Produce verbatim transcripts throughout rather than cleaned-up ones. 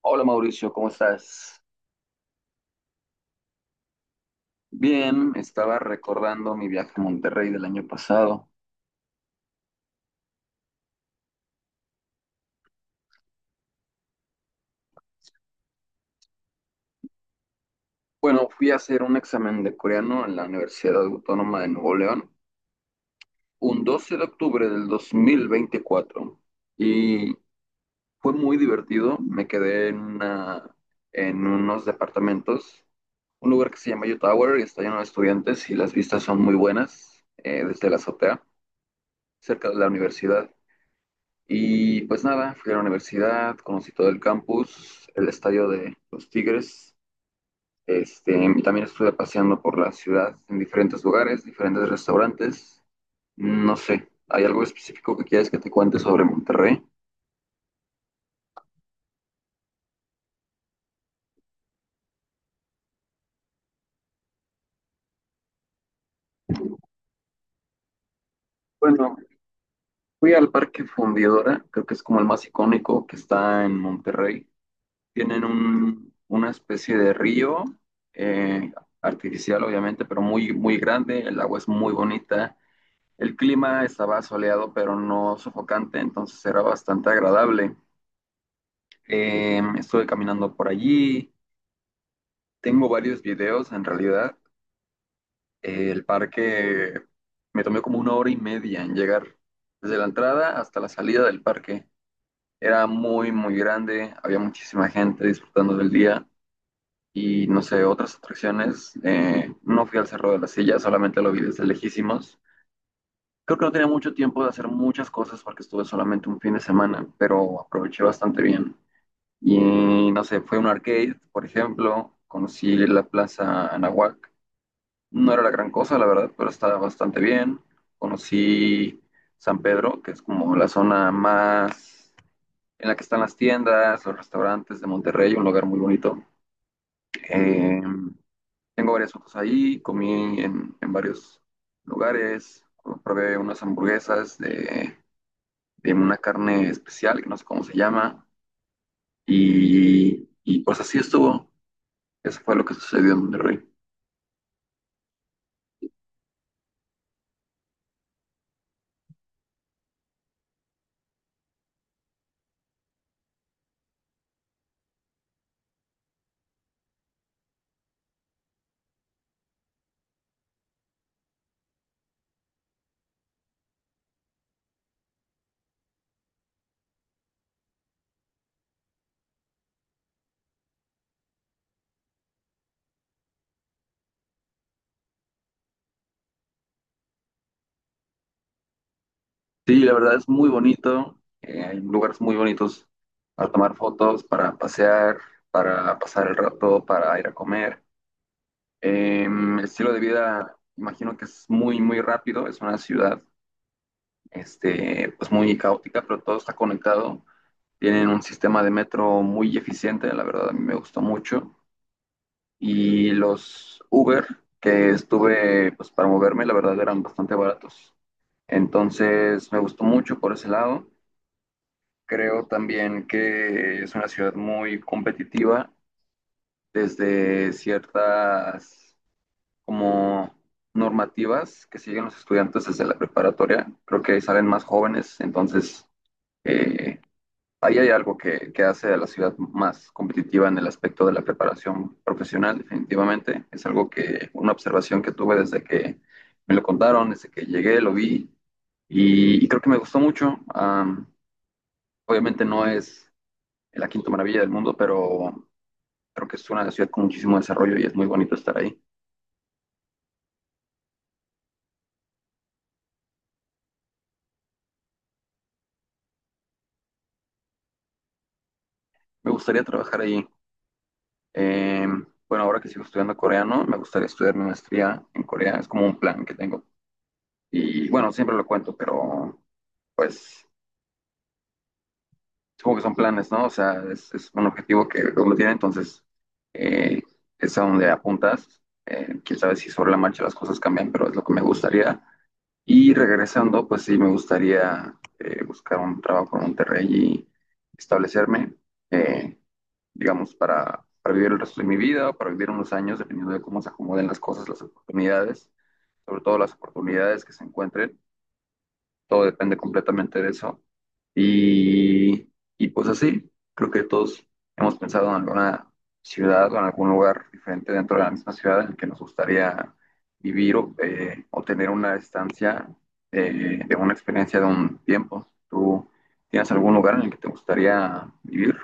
Hola Mauricio, ¿cómo estás? Bien, estaba recordando mi viaje a Monterrey del año pasado. Bueno, fui a hacer un examen de coreano en la Universidad Autónoma de Nuevo León, un doce de octubre del dos mil veinticuatro. Y fue muy divertido, me quedé en, una- en unos departamentos, un lugar que se llama U Tower y está lleno de estudiantes y las vistas son muy buenas eh, desde la azotea, cerca de la universidad. Y pues nada, fui a la universidad, conocí todo el campus, el estadio de los Tigres. Este, y también estuve paseando por la ciudad en diferentes lugares, diferentes restaurantes. No sé, ¿hay algo específico que quieras que te cuente sobre Monterrey? Bueno, fui al Parque Fundidora, creo que es como el más icónico que está en Monterrey. Tienen un- una especie de río eh, artificial, obviamente, pero muy, muy grande. El agua es muy bonita. El clima estaba soleado, pero no sofocante, entonces era bastante agradable. Eh, estuve caminando por allí, tengo varios videos en realidad. Eh, el parque me tomé como una hora y media en llegar desde la entrada hasta la salida del parque. Era muy, muy grande, había muchísima gente disfrutando del día y no sé, otras atracciones. Eh, no fui al Cerro de la Silla, solamente lo vi desde lejísimos. Creo que no tenía mucho tiempo de hacer muchas cosas porque estuve solamente un fin de semana, pero aproveché bastante bien. Y no sé, fue un arcade, por ejemplo, conocí la Plaza Anahuac. No era la gran cosa, la verdad, pero estaba bastante bien. Conocí San Pedro, que es como la zona más en la que están las tiendas, los restaurantes de Monterrey, un lugar muy bonito. Eh, Tengo varias fotos ahí, comí en, en varios lugares, probé unas hamburguesas de de una carne especial, que no sé cómo se llama, y, y pues así estuvo. Eso fue lo que sucedió en Monterrey. Sí, la verdad es muy bonito, eh, hay lugares muy bonitos para tomar fotos, para pasear, para pasar el rato, para ir a comer. Em, el estilo de vida, imagino que es muy, muy rápido, es una ciudad, este, pues muy caótica, pero todo está conectado. Tienen un sistema de metro muy eficiente, la verdad a mí me gustó mucho. Y los Uber que estuve pues, para moverme, la verdad eran bastante baratos. Entonces me gustó mucho por ese lado. Creo también que es una ciudad muy competitiva desde ciertas como normativas que siguen los estudiantes desde la preparatoria. Creo que salen más jóvenes, entonces eh, ahí hay algo que, que hace a la ciudad más competitiva en el aspecto de la preparación profesional, definitivamente. Es algo que, una observación que tuve desde que me lo contaron, desde que llegué, lo vi y, y creo que me gustó mucho. Am, obviamente no es la quinta maravilla del mundo, pero creo que es una ciudad con muchísimo desarrollo y es muy bonito estar ahí. Me gustaría trabajar ahí. Em, bueno, ahora que sigo estudiando coreano, me gustaría estudiar mi maestría en Corea. Es como un plan que tengo. Y bueno, siempre lo cuento, pero pues supongo que son planes, ¿no? O sea, es, es un objetivo que uno tiene, entonces eh, es a donde apuntas. Eh, quién sabe si sobre la marcha las cosas cambian, pero es lo que me gustaría. Y regresando, pues sí, me gustaría eh, buscar un trabajo en Monterrey y establecerme, eh, digamos, para, para vivir el resto de mi vida o para vivir unos años, dependiendo de cómo se acomoden las cosas, las oportunidades, sobre todo las oportunidades que se encuentren. Todo depende completamente de eso. Y, y pues así, creo que todos hemos pensado en alguna ciudad o en algún lugar diferente dentro de la misma ciudad en el que nos gustaría vivir o, eh, o tener una estancia eh, de una experiencia de un tiempo. ¿Tú tienes algún lugar en el que te gustaría vivir?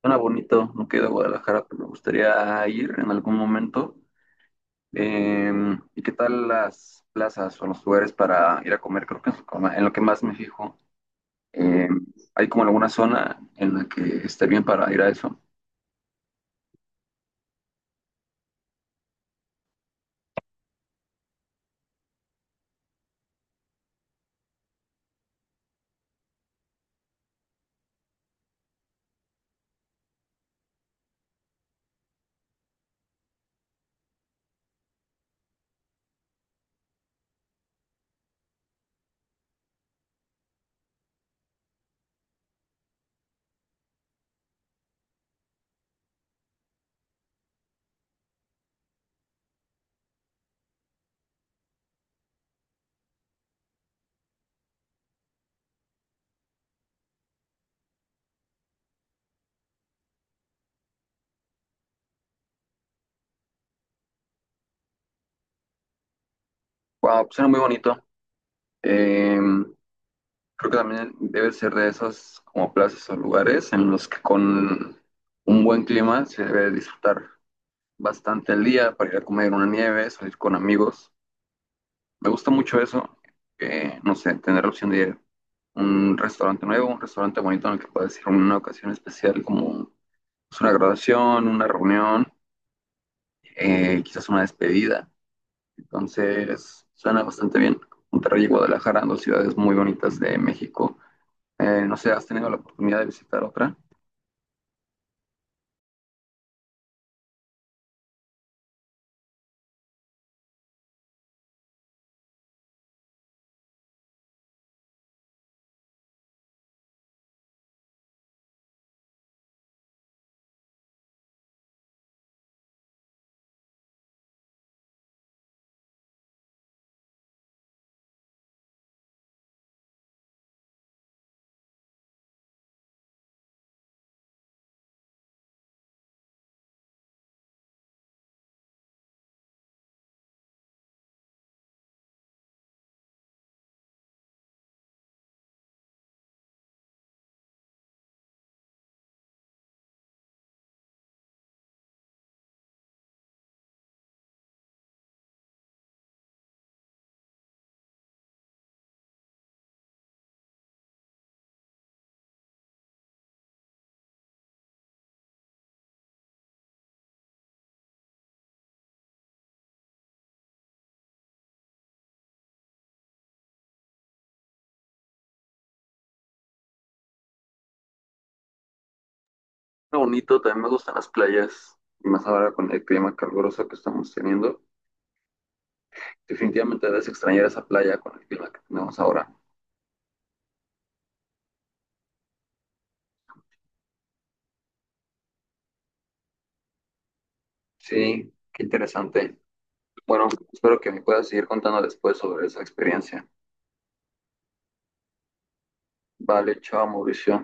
Suena bonito, no queda Guadalajara, pero me gustaría ir en algún momento. Eh, ¿Y qué tal las plazas o los lugares para ir a comer? Creo que es como en lo que más me fijo. Eh, ¿Hay como alguna zona en la que esté bien para ir a eso? Wow, suena muy bonito. Eh, Creo que también debe ser de esas como plazas o lugares en los que con un buen clima se debe disfrutar bastante el día para ir a comer una nieve, salir con amigos. Me gusta mucho eso, eh, no sé, tener la opción de ir a un restaurante nuevo, un restaurante bonito en el que puedas ir en una ocasión especial como pues, una graduación, una reunión, eh, quizás una despedida. Entonces, suena bastante bien. Monterrey y Guadalajara, dos ciudades muy bonitas de México. Eh, no sé, ¿has tenido la oportunidad de visitar otra? Está bonito, también me gustan las playas, y más ahora con el clima caluroso que estamos teniendo. Definitivamente debes extrañar esa playa con el clima que tenemos ahora. Sí, qué interesante. Bueno, espero que me puedas seguir contando después sobre esa experiencia. Vale, chao, Mauricio.